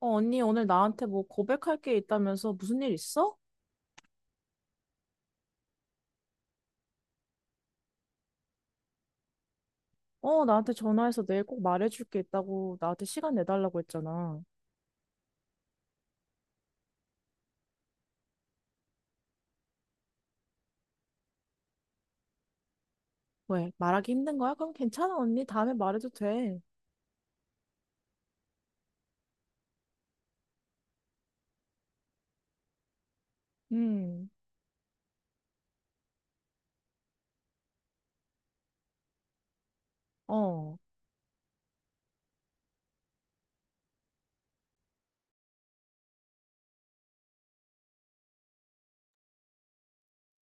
어, 언니, 오늘 나한테 뭐 고백할 게 있다면서 무슨 일 있어? 어, 나한테 전화해서 내일 꼭 말해줄 게 있다고 나한테 시간 내달라고 했잖아. 왜? 말하기 힘든 거야? 그럼 괜찮아, 언니. 다음에 말해도 돼. 음, 어.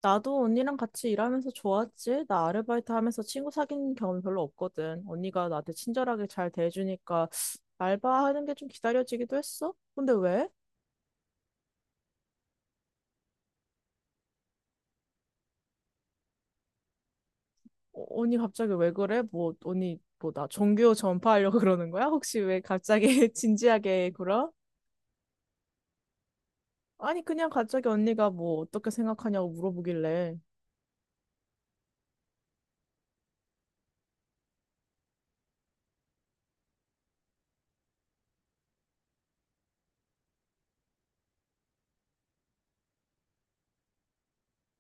나도 언니랑 같이 일하면서 좋았지. 나 아르바이트 하면서 친구 사귄 경험 별로 없거든. 언니가 나한테 친절하게 잘 대해주니까 알바하는 게 좀 기다려지기도 했어. 근데 왜? 어, 언니 갑자기 왜 그래? 뭐 언니 뭐 나 종교 전파하려고 그러는 거야? 혹시 왜 갑자기 진지하게 굴어? 아니 그냥 갑자기 언니가 뭐 어떻게 생각하냐고 물어보길래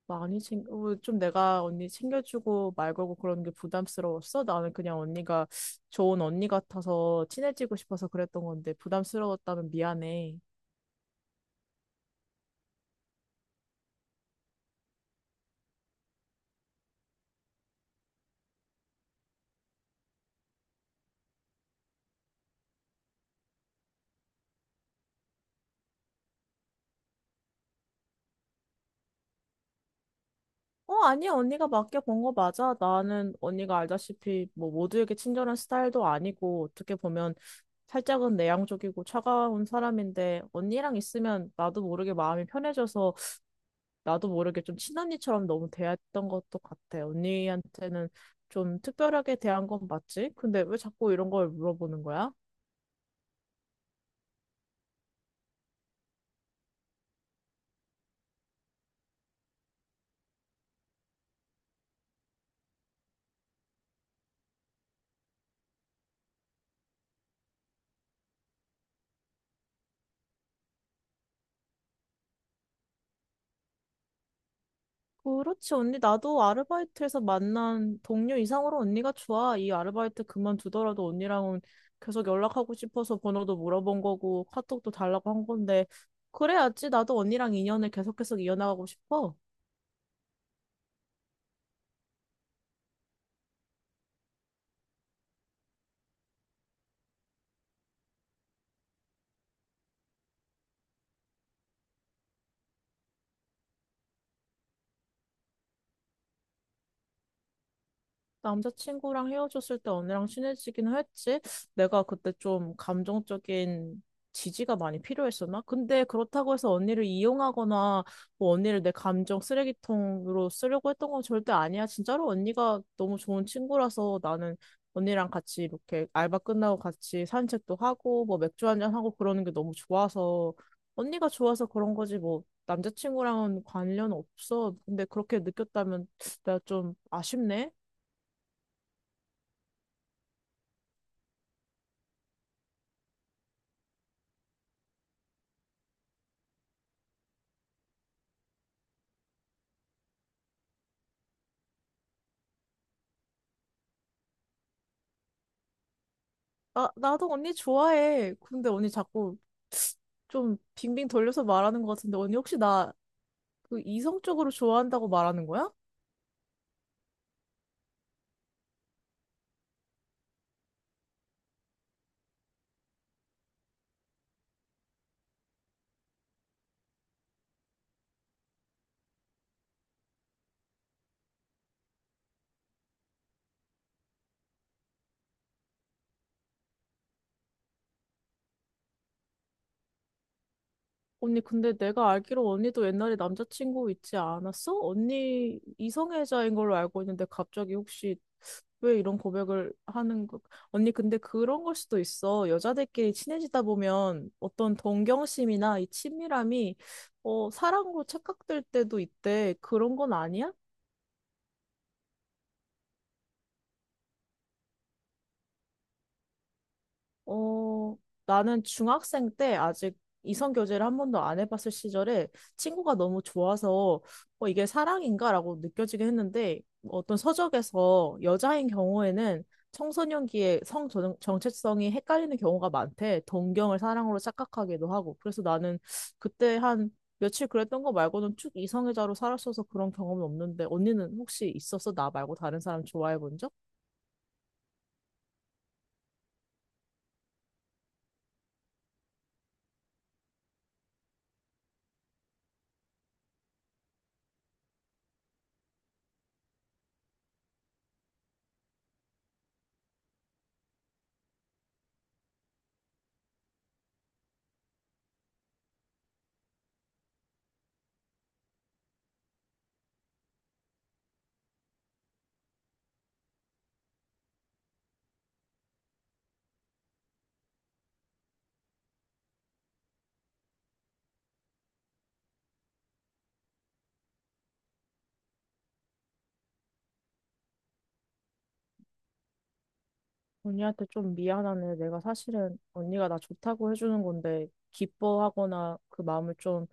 많이 챙겨 좀 내가 언니 챙겨주고 말 걸고 그러는 게 부담스러웠어? 나는 그냥 언니가 좋은 언니 같아서 친해지고 싶어서 그랬던 건데 부담스러웠다면 미안해. 어, 아니야. 언니가 맡겨본 거 맞아. 나는 언니가 알다시피 뭐 모두에게 친절한 스타일도 아니고 어떻게 보면 살짝은 내향적이고 차가운 사람인데 언니랑 있으면 나도 모르게 마음이 편해져서 나도 모르게 좀 친언니처럼 너무 대했던 것도 같아. 언니한테는 좀 특별하게 대한 건 맞지? 근데 왜 자꾸 이런 걸 물어보는 거야? 그렇지, 언니. 나도 아르바이트에서 만난 동료 이상으로 언니가 좋아. 이 아르바이트 그만두더라도 언니랑은 계속 연락하고 싶어서 번호도 물어본 거고 카톡도 달라고 한 건데 그래야지 나도 언니랑 인연을 계속 해서 이어나가고 싶어. 남자친구랑 헤어졌을 때 언니랑 친해지긴 했지. 내가 그때 좀 감정적인 지지가 많이 필요했었나? 근데 그렇다고 해서 언니를 이용하거나 뭐 언니를 내 감정 쓰레기통으로 쓰려고 했던 건 절대 아니야. 진짜로 언니가 너무 좋은 친구라서 나는 언니랑 같이 이렇게 알바 끝나고 같이 산책도 하고 뭐 맥주 한 잔 하고 그러는 게 너무 좋아서 언니가 좋아서 그런 거지 뭐 남자친구랑은 관련 없어. 근데 그렇게 느꼈다면 내가 좀 아쉽네. 나도 언니 좋아해. 근데 언니 자꾸 좀 빙빙 돌려서 말하는 것 같은데, 언니 혹시 나 그 이성적으로 좋아한다고 말하는 거야? 언니, 근데 내가 알기로 언니도 옛날에 남자친구 있지 않았어? 언니 이성애자인 걸로 알고 있는데, 갑자기 혹시 왜 이런 고백을 하는 거? 언니, 근데 그런 걸 수도 있어. 여자들끼리 친해지다 보면 어떤 동경심이나 이 친밀함이 사랑으로 착각될 때도 있대. 그런 건 아니야? 어, 나는 중학생 때 아직 이성 교제를 한 번도 안 해봤을 시절에 친구가 너무 좋아서 이게 사랑인가라고 느껴지긴 했는데 어떤 서적에서 여자인 경우에는 청소년기에 정체성이 헷갈리는 경우가 많대. 동경을 사랑으로 착각하기도 하고. 그래서 나는 그때 한 며칠 그랬던 거 말고는 쭉 이성애자로 살았어서 그런 경험은 없는데 언니는 혹시 있었어? 나 말고 다른 사람 좋아해 본 적? 언니한테 좀 미안하네. 내가 사실은 언니가 나 좋다고 해주는 건데, 기뻐하거나 그 마음을 좀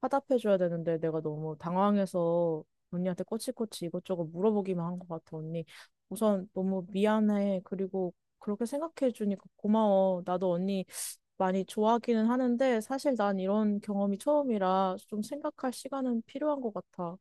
화답해줘야 되는데, 내가 너무 당황해서 언니한테 꼬치꼬치 이것저것 물어보기만 한 것 같아, 언니. 우선 너무 미안해. 그리고 그렇게 생각해주니까 고마워. 나도 언니 많이 좋아하기는 하는데, 사실 난 이런 경험이 처음이라 좀 생각할 시간은 필요한 것 같아.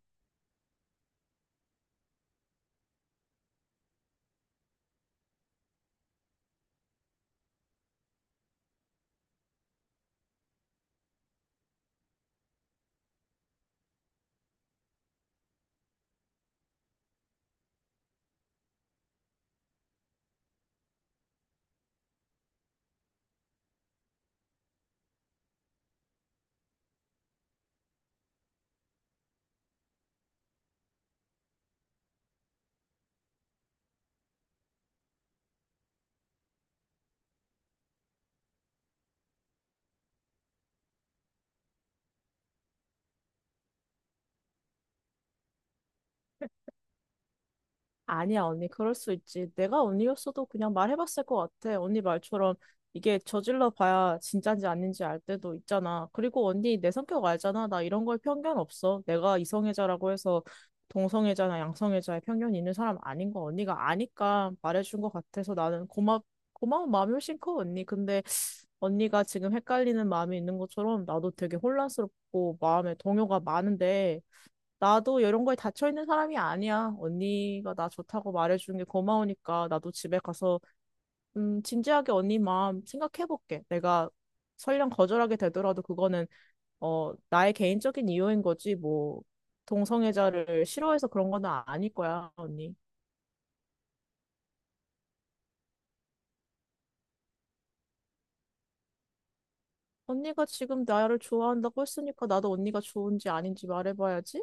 아니야, 언니, 그럴 수 있지. 내가 언니였어도 그냥 말해봤을 것 같아. 언니 말처럼 이게 저질러 봐야 진짠지 아닌지 알 때도 있잖아. 그리고 언니, 내 성격 알잖아. 나 이런 거에 편견 없어. 내가 이성애자라고 해서 동성애자나 양성애자에 편견이 있는 사람 아닌 거 언니가 아니까 말해준 것 같아서 나는 고마운 마음이 훨씬 커, 언니. 근데 언니가 지금 헷갈리는 마음이 있는 것처럼 나도 되게 혼란스럽고 마음에 동요가 많은데 나도 이런 거에 닫혀있는 사람이 아니야. 언니가 나 좋다고 말해주는 게 고마우니까 나도 집에 가서 진지하게 언니 마음 생각해볼게. 내가 설령 거절하게 되더라도 그거는 나의 개인적인 이유인 거지 뭐 동성애자를 싫어해서 그런 건 아닐 거야, 언니. 언니가 지금 나를 좋아한다고 했으니까 나도 언니가 좋은지 아닌지 말해봐야지.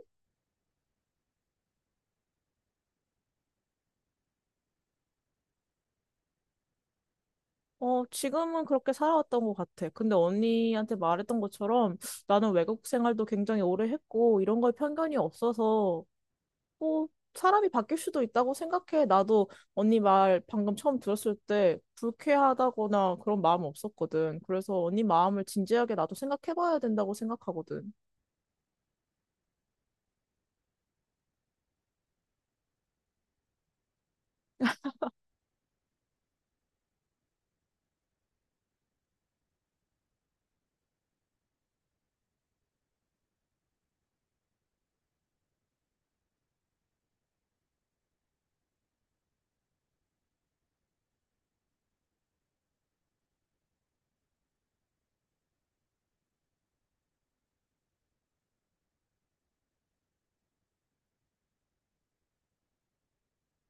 어, 지금은 그렇게 살아왔던 것 같아. 근데 언니한테 말했던 것처럼 나는 외국 생활도 굉장히 오래 했고 이런 거에 편견이 없어서 뭐 사람이 바뀔 수도 있다고 생각해. 나도 언니 말 방금 처음 들었을 때 불쾌하다거나 그런 마음 없었거든. 그래서 언니 마음을 진지하게 나도 생각해봐야 된다고 생각하거든.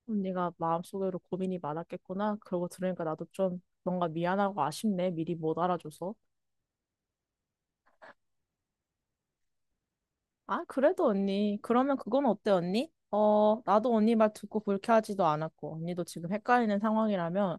언니가 마음속으로 고민이 많았겠구나. 그러고 들으니까 나도 좀 뭔가 미안하고 아쉽네. 미리 못 알아줘서. 아, 그래도 언니. 그러면 그건 어때, 언니? 어, 나도 언니 말 듣고 불쾌하지도 않았고, 언니도 지금 헷갈리는 상황이라면,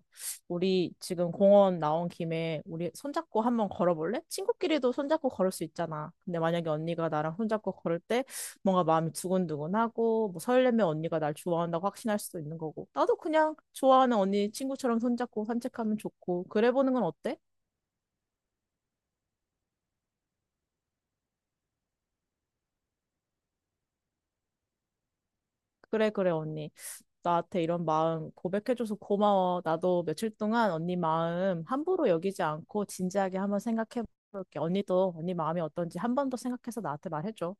우리 지금 공원 나온 김에 우리 손잡고 한번 걸어볼래? 친구끼리도 손잡고 걸을 수 있잖아. 근데 만약에 언니가 나랑 손잡고 걸을 때 뭔가 마음이 두근두근하고, 뭐 설레면 언니가 날 좋아한다고 확신할 수도 있는 거고. 나도 그냥 좋아하는 언니 친구처럼 손잡고 산책하면 좋고, 그래 보는 건 어때? 그래, 그래, 언니. 나한테 이런 마음 고백해줘서 고마워. 나도 며칠 동안 언니 마음 함부로 여기지 않고 진지하게 한번 생각해볼게. 언니도 언니 마음이 어떤지 한 번 더 생각해서 나한테 말해줘.